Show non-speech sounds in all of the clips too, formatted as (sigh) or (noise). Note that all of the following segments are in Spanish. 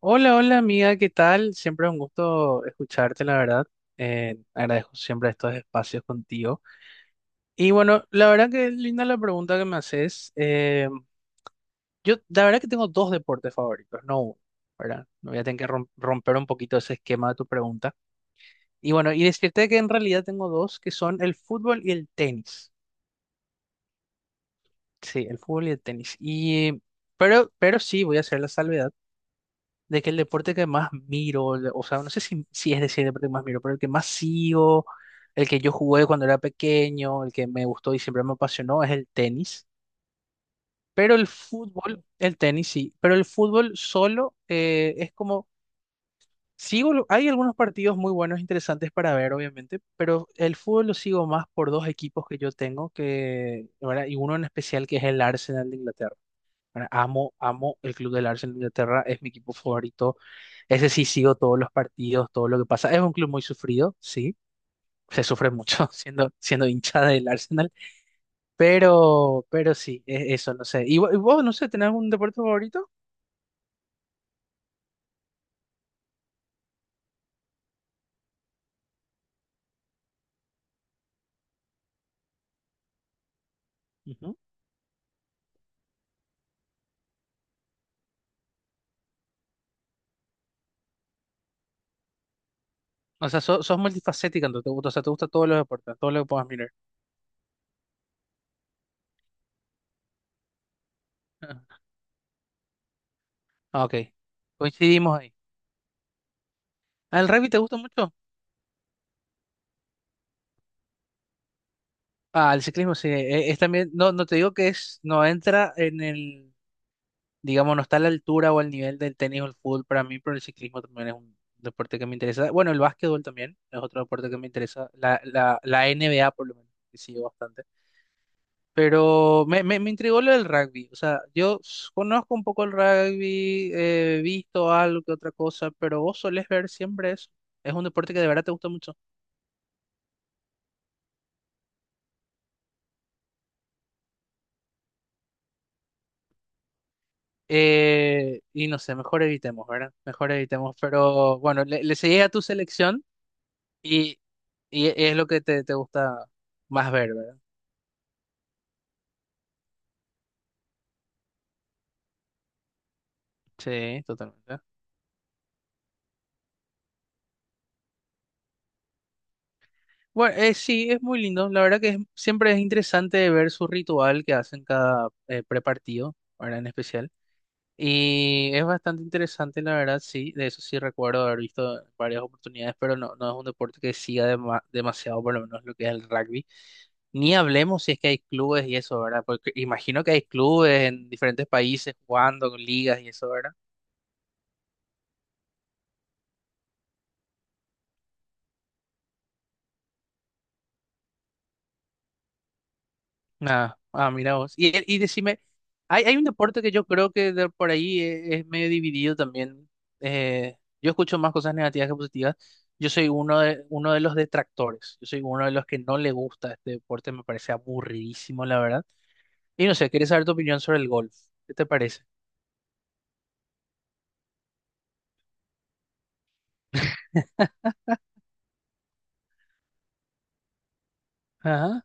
Hola, hola amiga, ¿qué tal? Siempre un gusto escucharte, la verdad. Agradezco siempre estos espacios contigo. Y bueno, la verdad que es linda la pregunta que me haces. Yo, la verdad que tengo dos deportes favoritos, no uno, ¿verdad? Me voy a tener que romper un poquito ese esquema de tu pregunta. Y bueno, y decirte que en realidad tengo dos, que son el fútbol y el tenis. Sí, el fútbol y el tenis. Y, pero sí, voy a hacer la salvedad de que el deporte que más miro, o sea, no sé si es decir el deporte que más miro, pero el que más sigo, el que yo jugué cuando era pequeño, el que me gustó y siempre me apasionó es el tenis. Pero el fútbol, el tenis sí, pero el fútbol solo es como, sigo, hay algunos partidos muy buenos, interesantes para ver, obviamente, pero el fútbol lo sigo más por dos equipos que yo tengo, que, ¿verdad? Y uno en especial que es el Arsenal de Inglaterra. Bueno, amo, amo el club del Arsenal de Inglaterra, es mi equipo favorito. Ese sí sigo todos los partidos, todo lo que pasa. Es un club muy sufrido, sí, se sufre mucho (laughs) siendo hincha del Arsenal, pero sí, eso, no sé. ¿Y y vos, no sé, tenés algún deporte favorito? Ujú. O sea, sos multifacética, entonces, te gusta, o sea, te gustan todos los deportes, todo lo que puedas mirar. (laughs) Ok, coincidimos ahí. ¿Al rugby te gusta mucho? Ah, el ciclismo sí, es también, no, no te digo que es, no entra en el, digamos, no está a la altura o al nivel del tenis o el fútbol para mí, pero el ciclismo también es un deporte que me interesa. Bueno, el básquetbol también es otro deporte que me interesa, la NBA por lo menos, que sigo bastante. Pero me intrigó lo del rugby, o sea, yo conozco un poco el rugby, he visto algo que otra cosa, pero vos solés ver siempre eso. Es un deporte que de verdad te gusta mucho. Y no sé, mejor evitemos, ¿verdad? Mejor evitemos. Pero bueno, le seguí a tu selección. Y, y es lo que te gusta más ver, ¿verdad? Sí, totalmente. Bueno, sí, es muy lindo. La verdad que siempre es interesante ver su ritual que hacen cada prepartido, verdad en especial. Y es bastante interesante, la verdad, sí. De eso sí recuerdo haber visto varias oportunidades, pero no, no es un deporte que siga demasiado, por lo menos lo que es el rugby. Ni hablemos si es que hay clubes y eso, ¿verdad? Porque imagino que hay clubes en diferentes países jugando con ligas y eso, ¿verdad? Mira vos. Y decime, hay un deporte que yo creo que de por ahí es medio dividido también. Eh, yo escucho más cosas negativas que positivas. Yo soy uno de los detractores. Yo soy uno de los que no le gusta este deporte. Me parece aburridísimo, la verdad. Y no sé, quería saber tu opinión sobre el golf. ¿Qué te parece? Ajá.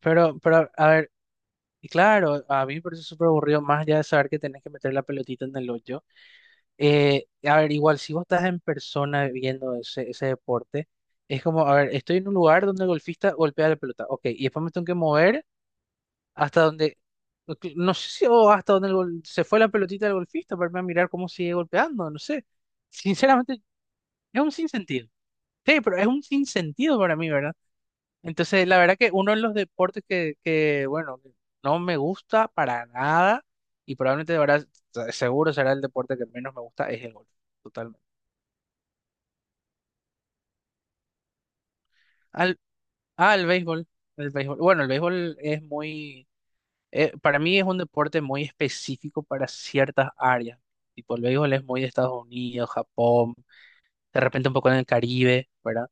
A ver, y claro, a mí me parece súper aburrido más allá de saber que tenés que meter la pelotita en el hoyo. A ver, igual, si vos estás en persona viendo ese, ese deporte, es como, a ver, estoy en un lugar donde el golfista golpea la pelota, ok, y después me tengo que mover hasta donde, no no sé si, o hasta donde el se fue la pelotita del golfista para irme a mirar cómo sigue golpeando, no sé. Sinceramente, es un sinsentido. Sí, pero es un sinsentido para mí, ¿verdad? Entonces, la verdad que uno de los deportes que bueno, que no me gusta para nada, y probablemente, de verdad, seguro será el deporte que menos me gusta, es el golf, totalmente. Ah, el béisbol, el béisbol. Bueno, el béisbol es muy, para mí es un deporte muy específico para ciertas áreas. Tipo, el béisbol es muy de Estados Unidos, Japón, de repente un poco en el Caribe, ¿verdad?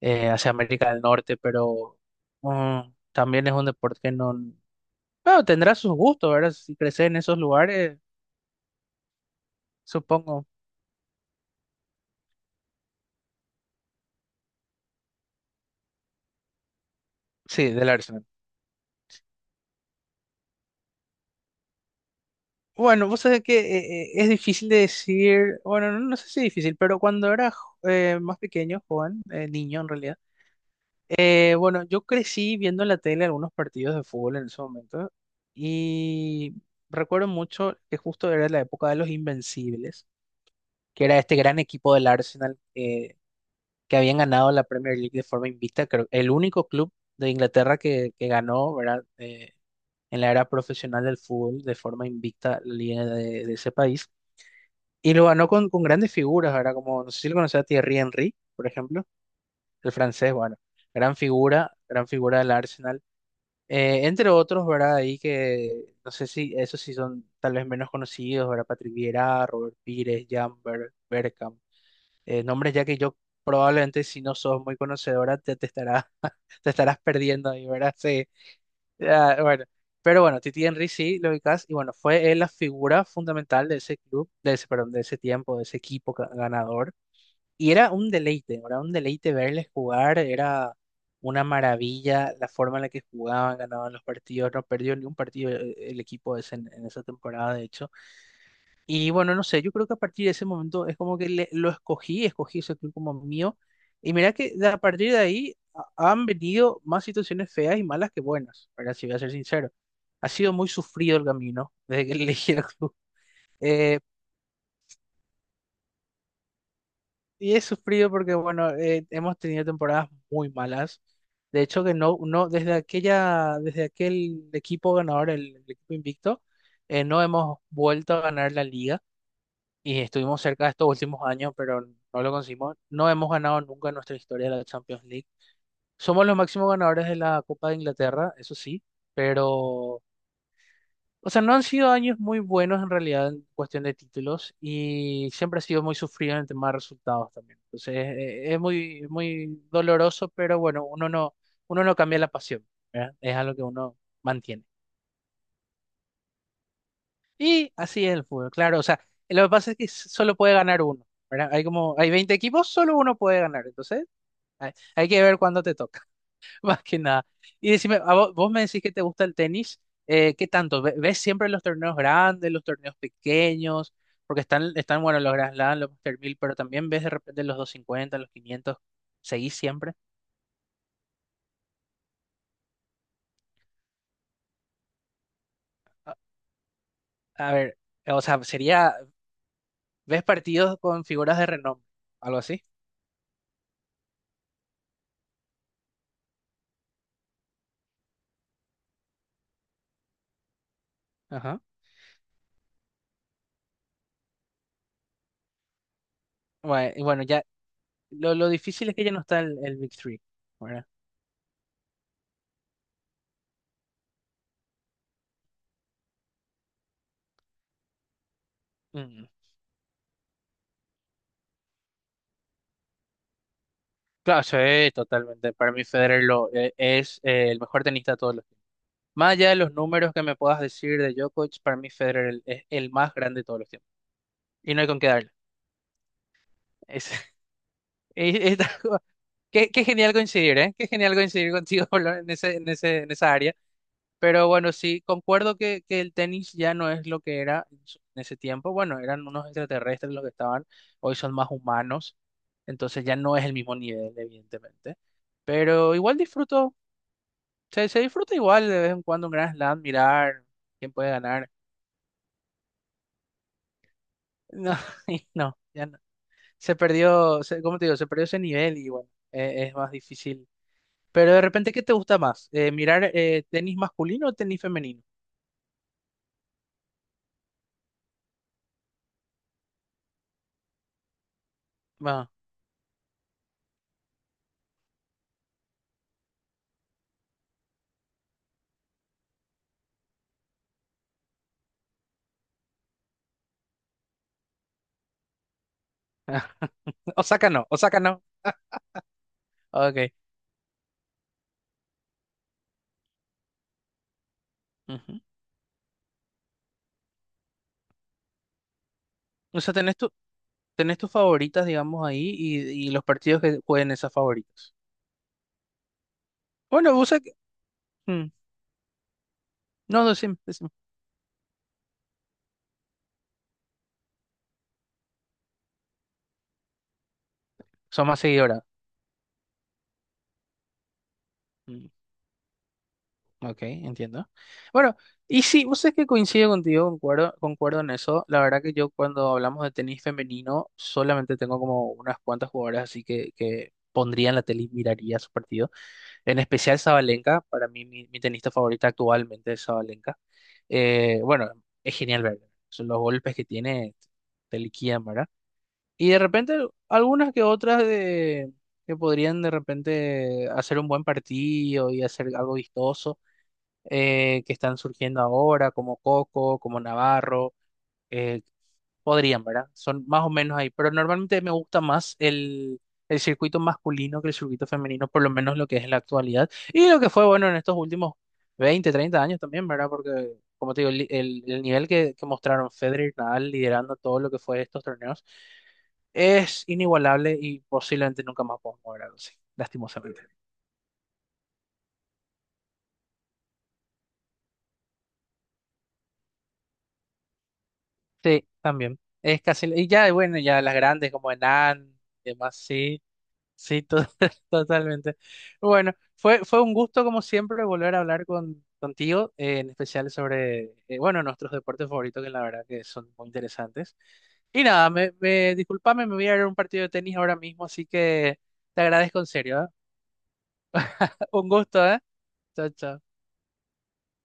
Hacia América del Norte, pero mm, también es un deporte que no, bueno, tendrá sus gustos, ¿verdad? Si creces en esos lugares, supongo. Sí, del Arsenal. Bueno, vos sabés que es difícil de decir, bueno, no, no sé si difícil, pero cuando era más pequeño, joven, niño en realidad. Bueno, yo crecí viendo en la tele algunos partidos de fútbol en ese momento y recuerdo mucho que justo era la época de los Invencibles, que era este gran equipo del Arsenal que habían ganado la Premier League de forma invicta, creo, el único club de Inglaterra que ganó, ¿verdad? En la era profesional del fútbol de forma invicta la liga de ese país y lo ganó con grandes figuras, ¿verdad? Como no sé si lo conocía a Thierry Henry, por ejemplo, el francés, bueno, gran figura del Arsenal. Entre otros, ¿verdad? Ahí que no sé si esos sí son tal vez menos conocidos, ¿verdad? Patrick Vieira, Robert Pires, Jan Bergkamp. Nombres ya que yo probablemente si no sos muy conocedora te (laughs) te estarás perdiendo ahí, ¿verdad? Sí. Ah, bueno. Pero bueno, Titi Henry sí lo ubicás y bueno, fue él la figura fundamental de ese club, de ese, perdón, de ese tiempo, de ese equipo ganador. Y era un deleite verles jugar, era una maravilla la forma en la que jugaban, ganaban los partidos, no perdió ni un partido el equipo ese en esa temporada, de hecho. Y bueno, no sé, yo creo que a partir de ese momento es como que lo escogí, escogí ese club como mío. Y mira que a partir de ahí han venido más situaciones feas y malas que buenas, ¿verdad? Si voy a ser sincero. Ha sido muy sufrido el camino desde que (laughs) elegí el club. Eh, Y he sufrido porque, bueno, hemos tenido temporadas muy malas. De hecho, que no, no, desde aquella, desde aquel equipo ganador, el equipo invicto, no hemos vuelto a ganar la liga. Y estuvimos cerca estos últimos años, pero no lo conseguimos. No hemos ganado nunca en nuestra historia la Champions League. Somos los máximos ganadores de la Copa de Inglaterra, eso sí, pero o sea, no han sido años muy buenos en realidad en cuestión de títulos y siempre ha sido muy sufrido en el tema de resultados también. Entonces, es muy, muy doloroso, pero bueno, uno no cambia la pasión, ¿verdad? Es algo que uno mantiene. Y así es el fútbol, claro. O sea, lo que pasa es que solo puede ganar uno, ¿verdad? Hay como, hay 20 equipos, solo uno puede ganar. Entonces, hay que ver cuándo te toca. (laughs) Más que nada. Y decime, a vos, me decís que te gusta el tenis, ¿qué tanto? ¿Ves siempre los torneos grandes, los torneos pequeños? Porque están, están bueno, los Grand Slam, los Master 1000, pero también ves de repente los 250 los 500, ¿seguís siempre? A ver, o sea, sería, ¿ves partidos con figuras de renombre? ¿Algo así? Ajá. Bueno, y bueno, ya, lo difícil es que ya no está el Big Three, ¿verdad? Mm. Claro, sí, totalmente. Para mí Federer lo, es el mejor tenista de todos los. Más allá de los números que me puedas decir de Djokovic, para mí Federer es el más grande de todos los tiempos. Y no hay con qué darle. Es- (laughs) es algo, qué, qué genial coincidir, ¿eh? Qué genial coincidir contigo (laughs) Pablo, en ese, en ese, en esa área. Pero bueno, sí, concuerdo que el tenis ya no es lo que era en en ese tiempo. Bueno, eran unos extraterrestres los que estaban, hoy son más humanos, entonces ya no es el mismo nivel, evidentemente. Pero igual disfruto, se disfruta igual de vez en cuando un Grand Slam, mirar quién puede ganar. No, (laughs) no, ya no. Se perdió, ¿cómo te digo? Se perdió ese nivel y bueno, es más difícil. Pero de repente, ¿qué te gusta más? ¿Mirar tenis masculino o tenis femenino? Ah, (laughs) Osaka no, Osaka no. (laughs) Ok. Ujú. O sea, tenés tu, tenés tus favoritas, digamos, ahí y los partidos que jueguen esas favoritas. Bueno, vos sabés que mm, no, decime, decime. Son más seguidoras. Ok, entiendo. Bueno, y sí, vos sabés que coincido contigo, concuerdo, concuerdo en eso. La verdad que yo cuando hablamos de tenis femenino, solamente tengo como unas cuantas jugadoras así que pondría en la tele y miraría su partido. En especial Sabalenka, para mí mi tenista favorita actualmente es Sabalenka. Bueno, es genial verla. Son los golpes que tiene, te liquidan, ¿verdad? Y de repente algunas que otras de, que podrían de repente hacer un buen partido y hacer algo vistoso que están surgiendo ahora, como Coco, como Navarro, eh, podrían, ¿verdad? Son más o menos ahí, pero normalmente me gusta más el circuito masculino que el circuito femenino, por lo menos lo que es en la actualidad, y lo que fue bueno en estos últimos 20 30 años también, ¿verdad? Porque, como te digo, el nivel que mostraron Federer y Nadal liderando todo lo que fue estos torneos es inigualable y posiblemente nunca más podamos ver algo así, lastimosamente. Sí, también. Es casi, y ya, bueno, ya las grandes como Enan, demás, sí, sí, (laughs) totalmente. Bueno, fue, fue un gusto como siempre volver a hablar con, contigo, en especial sobre, bueno, nuestros deportes favoritos, que la verdad que son muy interesantes. Y nada, disculpame, me voy a ir a un partido de tenis ahora mismo, así que te agradezco en serio, ¿eh? (laughs) Un gusto, ¿eh? Chao, chao.